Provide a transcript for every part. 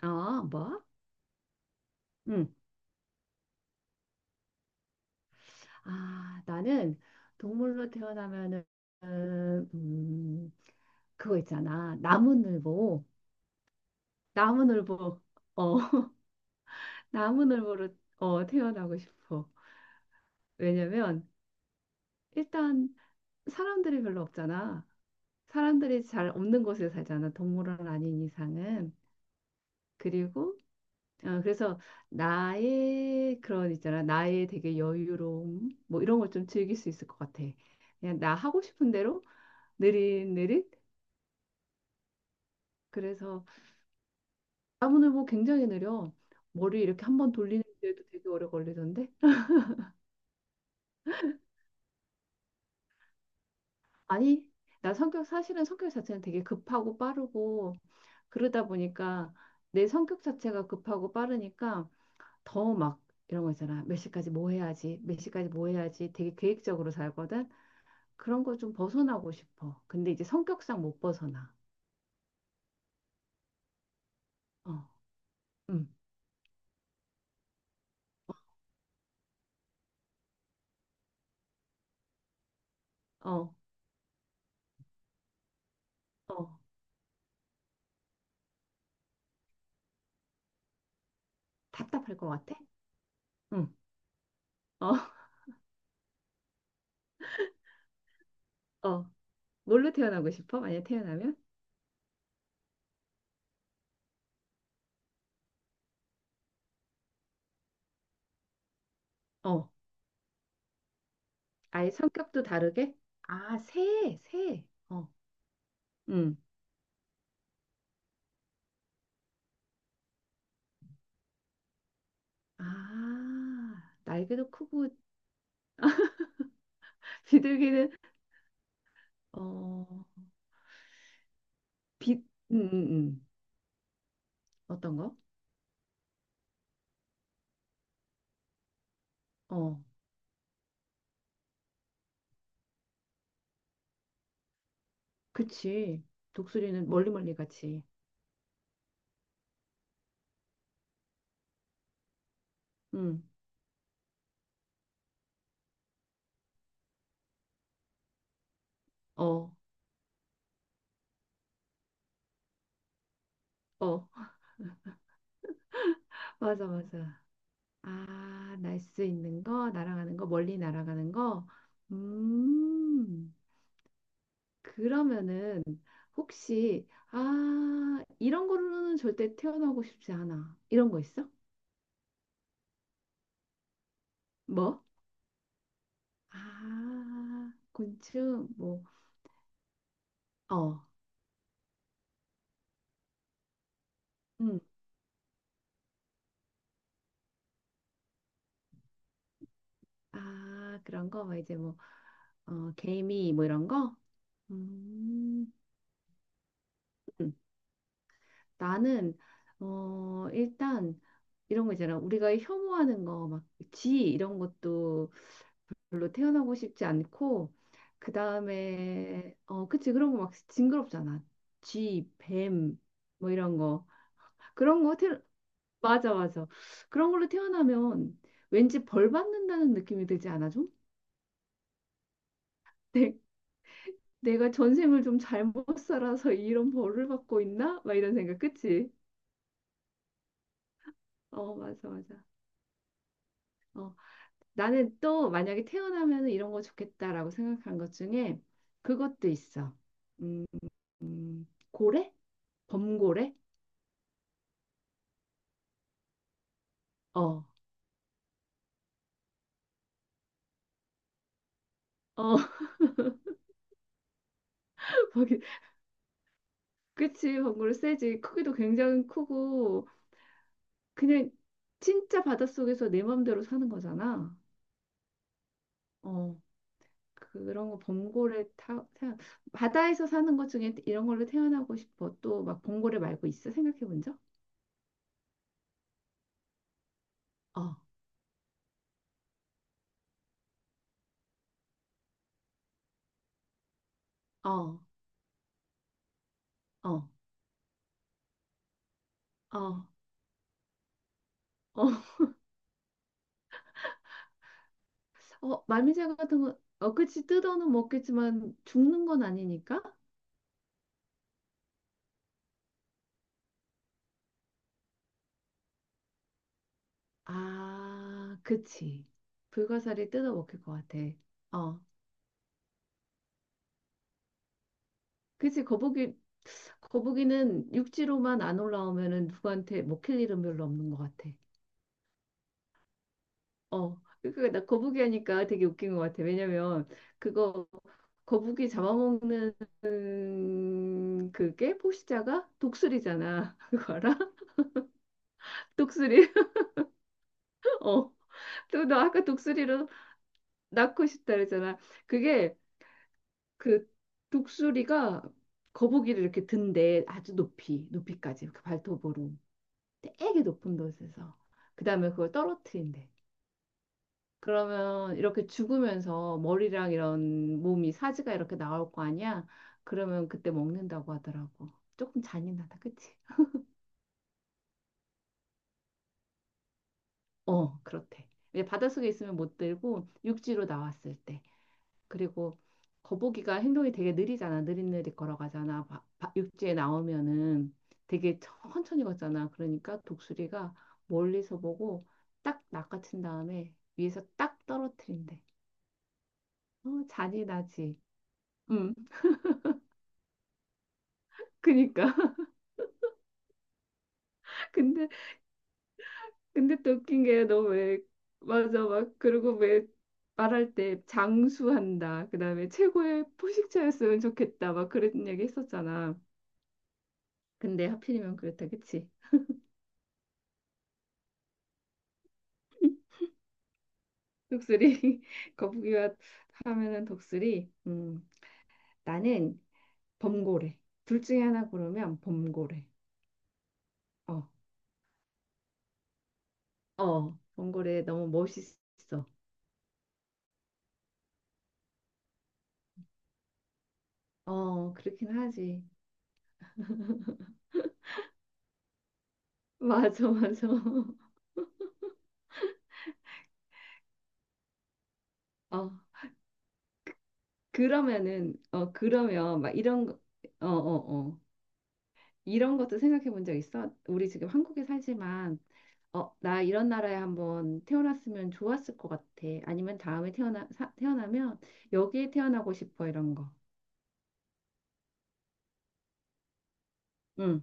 아, 뭐? 응. 아, 나는 동물로 태어나면은 음, 그거 있잖아. 나무늘보. 나무늘보. 어, 나무늘보로 태어나고 싶어. 왜냐면 일단 사람들이 별로 없잖아. 사람들이 잘 없는 곳에 살잖아. 동물은 아닌 이상은. 그리고 그래서 나의 그런 있잖아. 나의 되게 여유로움 뭐 이런 걸 좀 즐길 수 있을 것 같아. 그냥 나 하고 싶은 대로 느릿 느릿. 그래서 나무늘 보 굉장히 느려. 머리 이렇게 한번 돌리는데도 되게 오래 걸리던데. 아니, 나 성격 사실은 성격 자체는 되게 급하고 빠르고, 그러다 보니까 내 성격 자체가 급하고 빠르니까 더 막 이런 거 있잖아. 몇 시까지 뭐 해야지 몇 시까지 뭐 해야지 되게 계획적으로 살거든. 그런 거 좀 벗어나고 싶어. 근데 이제 성격상 못 벗어나. 어 음 어 어 답답할 것 같아. 응. 어, 어 뭘로 태어나고 싶어 만약 태어나면? 어, 아예 성격도 다르게? 아, 새, 새. 어, 응. 아, 날개도 크고 비둘기는 어, 빛. 응, 응, 응. 어떤 거? 어, 그치. 독수리는 멀리 멀리 같이. 응. 응. 어, 어, 맞아, 맞아. 아, 날 수 있는 거, 날아가는 거, 멀리 날아가는 거. 음, 그러면은 혹시 이런 거로는 절대 태어나고 싶지 않아. 이런 거 있어? 뭐? 아, 곤충, 뭐, 어, 응. 아, 그런 거, 뭐 이제 뭐, 어, 개미, 뭐 이런 거? 음, 음. 나는, 일단, 이런 거 있잖아. 우리가 혐오하는 거, 막, 쥐, 이런 것도 별로 태어나고 싶지 않고, 그 다음에, 그치, 그런 거 막 징그럽잖아. 쥐, 뱀, 뭐 이런 거. 그런 거, 맞아, 맞아. 그런 걸로 태어나면 왠지 벌 받는다는 느낌이 들지 않아, 좀? 내, 내가 전생을 좀 잘못 살아서 이런 벌을 받고 있나? 막 이런 생각, 그치? 어, 맞아, 맞아. 어, 나는 또 만약에 태어나면 이런 거 좋겠다라고 생각한 것 중에 그것도 있어. 음, 고래? 범고래? 어, 어, 거기, 그치, 범고래 세지. 크기도 굉장히 크고, 그냥 진짜 바닷속에서 내 맘대로 사는 거잖아. 어. 그런 거 범고래 타, 타 바다에서 사는 것 중에 이런 걸로 태어나고 싶어. 또 막 범고래 말고 있어? 생각해 본 적? 어, 어, 어, 어, 어, 어, 말미잘 같은 거, 어, 그치, 뜯어는 먹겠지만 죽는 건 아니니까? 아, 그치. 불가사리 뜯어 먹힐 것 같아. 어, 그치, 거북이는 육지로만 안 올라오면은 누구한테 먹힐 일은 별로 없는 것 같아. 어, 그러니까 나 거북이 하니까 되게 웃긴 것 같아. 왜냐면 그거 거북이 잡아먹는 그게 포식자가 독수리잖아. 그거 알아? 독수리. 어. 또 너 아까 독수리로 낳고 싶다 그랬잖아. 그게 그 독수리가 거북이를 이렇게 든대. 아주 높이, 높이까지. 그 발톱으로. 되게 높은 곳에서. 그다음에 그걸 떨어뜨린대. 그러면 이렇게 죽으면서 머리랑 이런 몸이 사지가 이렇게 나올 거 아니야? 그러면 그때 먹는다고 하더라고. 조금 잔인하다, 그치? 어, 그렇대. 이제 바닷속에 있으면 못 들고 육지로 나왔을 때. 그리고 거북이가 행동이 되게 느리잖아. 느릿느릿 걸어가잖아. 육지에 나오면은 되게 천천히 걷잖아. 그러니까 독수리가 멀리서 보고 딱 낚아챈 다음에 위에서 딱 떨어뜨린대. 어, 잔인하지. 응, 그니까. 근데 근데 또 웃긴 게 너 왜 맞아 막 그리고 왜 말할 때 장수한다 그다음에 최고의 포식자였으면 좋겠다 막 그런 얘기 했었잖아. 근데 하필이면 그렇다 그치? 독수리 거북이와 하면은 독수리. 나는 범고래. 둘 중에 하나 고르면 범고래. 어. 어, 범고래 너무 멋있어. 어, 그렇긴 하지. 맞아, 맞아. 어. 그러면은 그러면 막 이런 거 어어어 이런 것도 생각해 본 적 있어? 우리 지금 한국에 살지만 어, 나 이런 나라에 한번 태어났으면 좋았을 것 같아. 아니면 다음에 태어나면 여기에 태어나고 싶어 이런 거. 응.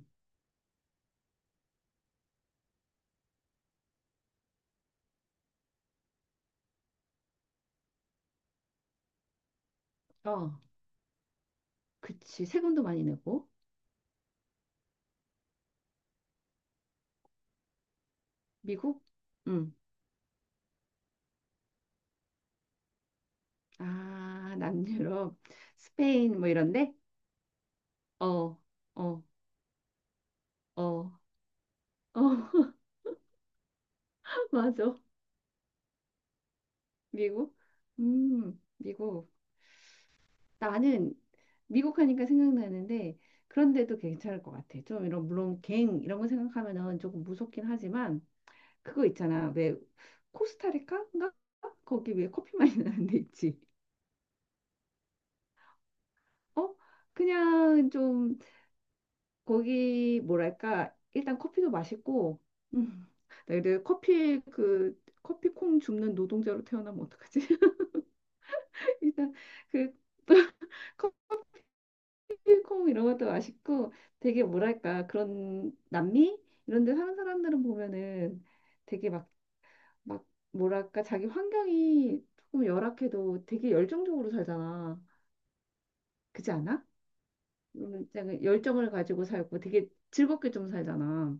어. 그치. 세금도 많이 내고 미국? 응. 아, 남유럽, 스페인 뭐 이런데? 어. 어. 어. 어. 맞아. 미국? 음. 미국. 나는 미국 하니까 생각나는데 그런데도 괜찮을 것 같아. 좀 이런 물론 갱 이런 거 생각하면은 조금 무섭긴 하지만 그거 있잖아. 왜 코스타리카인가? 거기 왜 커피 많이 나는 데 있지? 어? 그냥 좀 거기 뭐랄까 일단 커피도 맛있고 음. 나 근데 커피 그 커피콩 줍는 노동자로 태어나면 어떡하지? 일단 그 홍콩 이런 것도 맛있고 되게 뭐랄까 그런 남미 이런 데 사는 사람들은 보면은 되게 막 뭐랄까 자기 환경이 조금 열악해도 되게 열정적으로 살잖아. 그렇지 않아? 되게 열정을 가지고 살고 되게 즐겁게 좀 살잖아.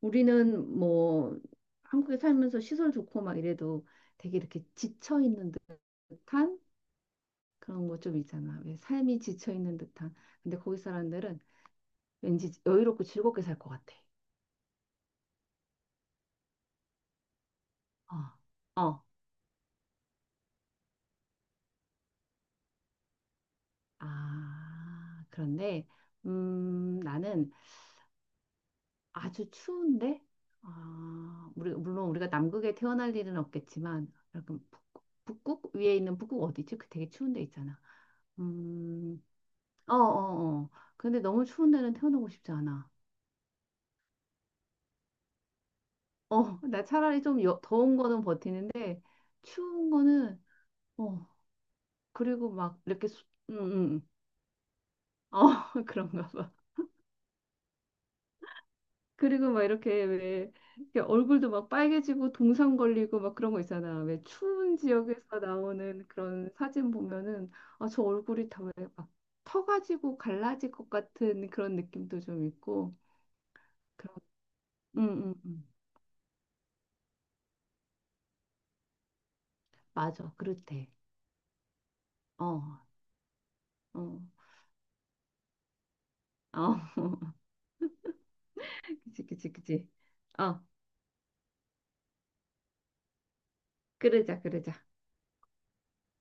우리는 뭐 한국에 살면서 시설 좋고 막 이래도 되게 이렇게 지쳐 있는 듯한 그런 거 좀 있잖아. 왜 삶이 지쳐 있는 듯한. 근데 거기 사람들은 왠지 여유롭고 즐겁게 살 것 같아. 어, 어. 아, 그런데, 나는 아주 추운데, 아, 우리, 물론 우리가 남극에 태어날 일은 없겠지만, 약간 북극 위에 있는 북극 어디지? 그 되게 추운 데 있잖아. 음, 어, 어, 어. 근데 너무 추운 데는 태어나고 싶지 않아. 어, 나 차라리 좀 더운 거는 버티는데, 추운 거는, 어, 그리고 막 이렇게, 수, 음. 어, 그런가 봐. 그리고 막 이렇게 왜 이렇게 얼굴도 막 빨개지고 동상 걸리고 막 그런 거 있잖아. 왜 추운 지역에서 나오는 그런 사진 보면은 아, 저 얼굴이 다 왜 막 터가지고 갈라질 것 같은 그런 느낌도 좀 있고. 그런. 응응응. 맞아, 그렇대. 어, 어. 어. 그치 그치 그치. 어, 그러자 그러자.